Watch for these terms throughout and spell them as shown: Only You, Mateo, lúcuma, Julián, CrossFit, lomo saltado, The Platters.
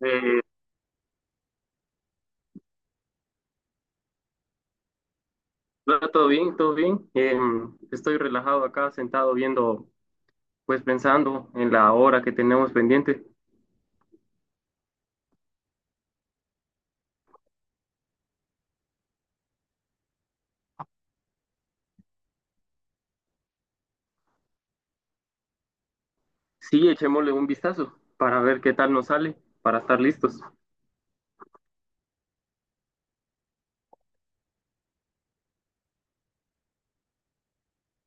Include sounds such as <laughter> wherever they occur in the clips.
Eh, no, todo bien, todo bien. Estoy relajado acá, sentado viendo, pues pensando en la hora que tenemos pendiente. Sí, echémosle un vistazo para ver qué tal nos sale, para estar listos.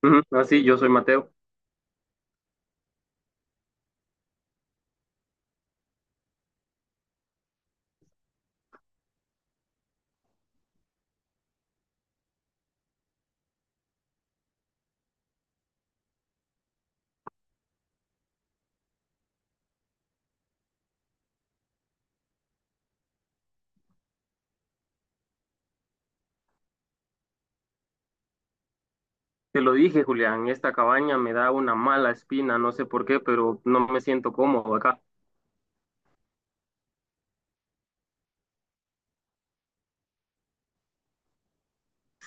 Ujú. Así, yo soy Mateo. Te lo dije, Julián, esta cabaña me da una mala espina, no sé por qué, pero no me siento cómodo acá.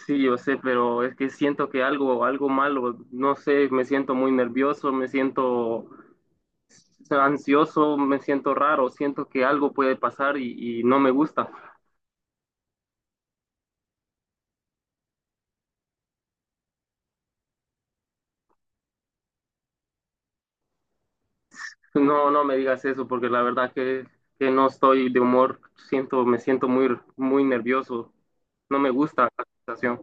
Sí, yo sé, pero es que siento que algo, algo malo, no sé, me siento muy nervioso, me siento ansioso, me siento raro, siento que algo puede pasar y no me gusta. No, no me digas eso porque la verdad que no estoy de humor, siento, me siento muy, muy nervioso, no me gusta la situación.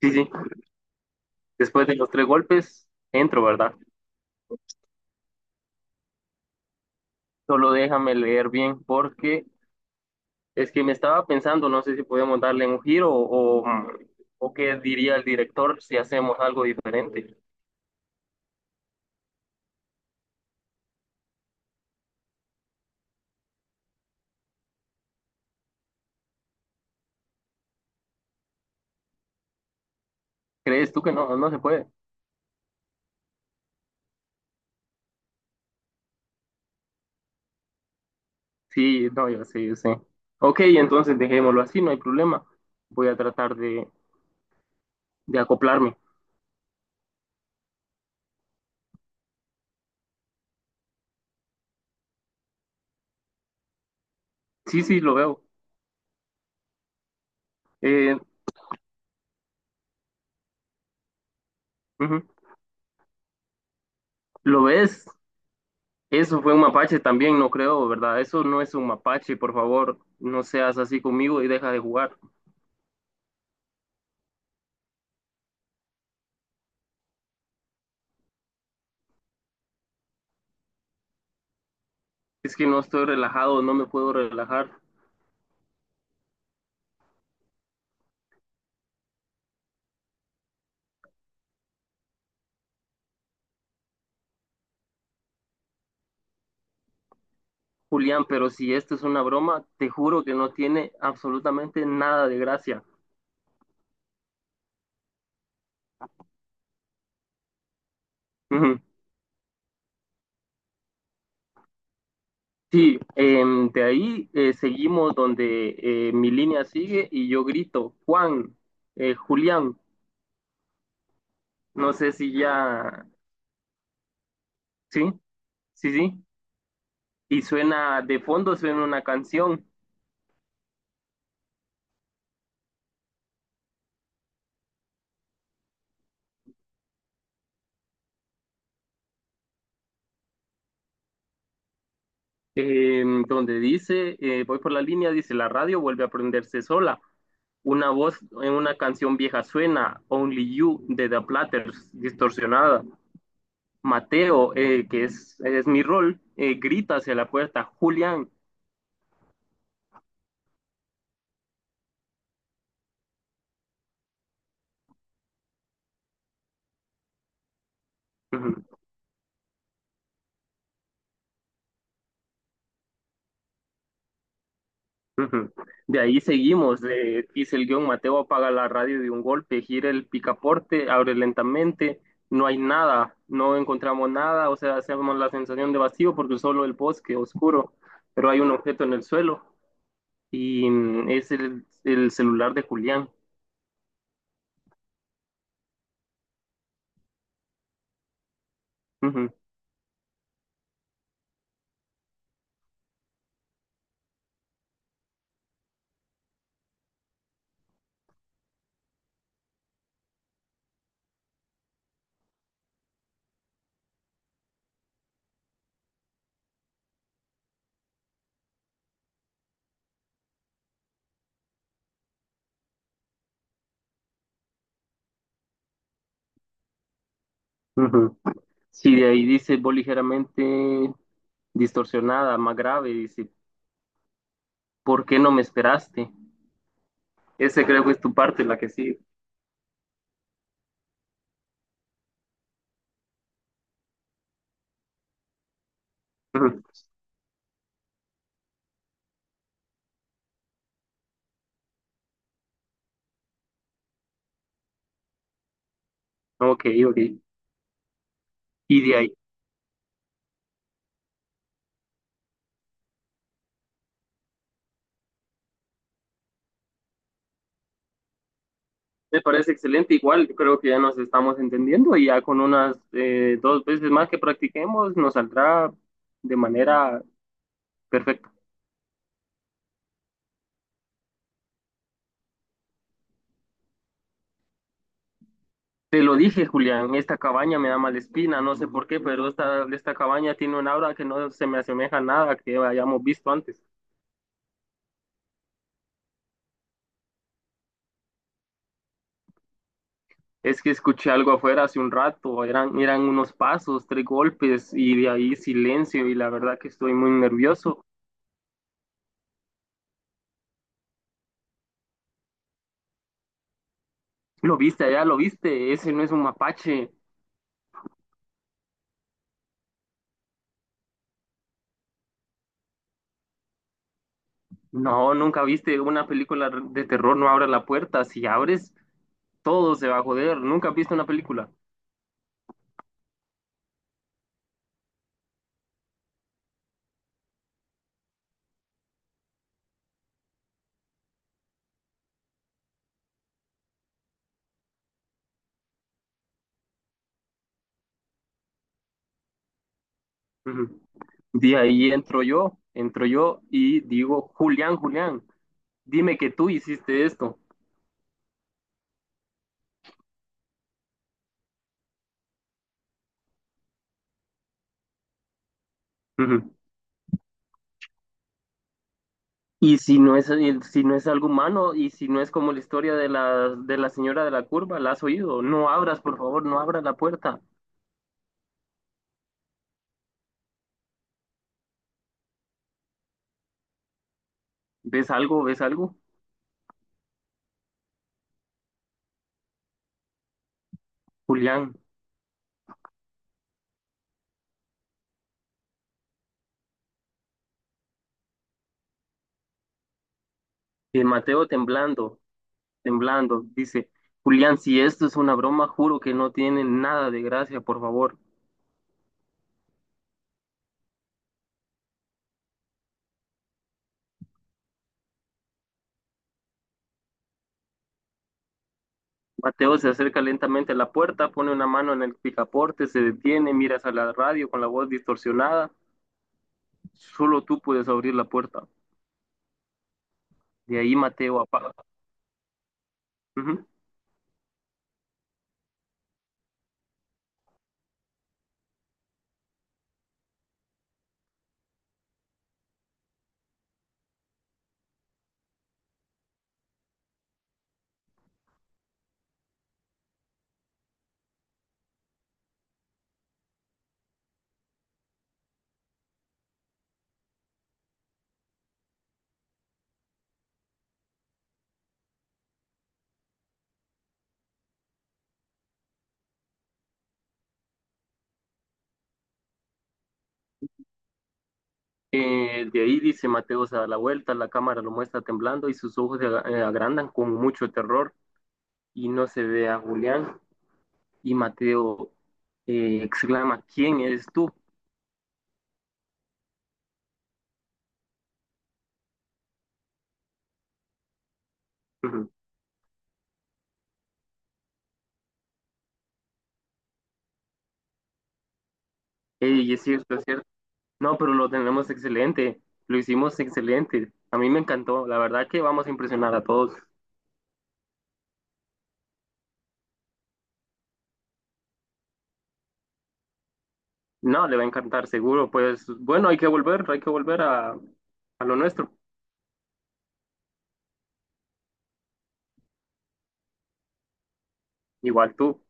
Sí, sí, después de los tres golpes entro, ¿verdad? Solo déjame leer bien porque es que me estaba pensando, no sé si podemos darle un giro o qué diría el director si hacemos algo diferente. ¿Crees tú que no, no se puede? Sí, no, yo sé, yo sé. Ok, entonces dejémoslo así, no hay problema. Voy a tratar de acoplarme. Sí, sí, lo veo. Eh, ujú. ¿Lo ves? Eso fue un mapache también, no creo, ¿verdad? Eso no es un mapache, por favor, no seas así conmigo y deja de jugar. Es que no estoy relajado, no me puedo relajar. Julián, pero si esto es una broma, te juro que no tiene absolutamente nada de gracia. <laughs> Sí, de ahí seguimos donde mi línea sigue y yo grito, Juan, Julián, no sé si ya, sí, sí, sí, y suena, de fondo suena una canción donde dice, voy por la línea, dice, la radio vuelve a prenderse sola, una voz en una canción vieja suena, Only You de The Platters, distorsionada. Mateo, que es mi rol, grita hacia la puerta, Julián. Ujú. De ahí seguimos, dice el guión, Mateo apaga la radio de un golpe, gira el picaporte, abre lentamente, no hay nada, no encontramos nada, o sea, hacemos la sensación de vacío porque solo el bosque oscuro, pero hay un objeto en el suelo y es el celular de Julián. Ujú, ujú. Sí, de ahí dice, voz ligeramente distorsionada, más grave, dice, ¿por qué no me esperaste? Ese creo que es tu parte, la que sí. Ujú. Ok, ok. Y de ahí. Me parece excelente, igual yo creo que ya nos estamos entendiendo y ya con unas dos veces más que practiquemos nos saldrá de manera perfecta. Te lo dije, Julián, esta cabaña me da mala espina, no sé por qué, pero esta cabaña tiene un aura que no se me asemeja a nada que hayamos visto antes. Es que escuché algo afuera hace un rato, eran unos pasos, tres golpes y de ahí silencio y la verdad que estoy muy nervioso. Lo viste allá, lo viste, ese no es un mapache. No, nunca viste una película de terror, no abras la puerta. Si abres, todo se va a joder. Nunca has visto una película. Ujú. De ahí entro yo y digo, Julián, Julián, dime que tú hiciste esto. Ujú. Y si no es, si no es algo humano y si no es como la historia de la señora de la curva, la has oído. No abras, por favor, no abras la puerta. ¿Ves algo? ¿Ves algo? Julián, y Mateo temblando. Temblando. Dice, Julián, si esto es una broma, juro que no tiene nada de gracia, por favor. Mateo se acerca lentamente a la puerta, pone una mano en el picaporte, se detiene, mira hacia la radio con la voz distorsionada. Solo tú puedes abrir la puerta. De ahí Mateo apaga. Ujú. De ahí dice Mateo se da la vuelta, la cámara lo muestra temblando y sus ojos se agrandan con mucho terror y no se ve a Julián. Y Mateo exclama, ¿quién eres tú? Ujú. Y es cierto, es cierto. No, pero lo tenemos excelente, lo hicimos excelente. A mí me encantó, la verdad que vamos a impresionar a todos. No, le va a encantar, seguro. Pues bueno, hay que volver a lo nuestro. Igual tú.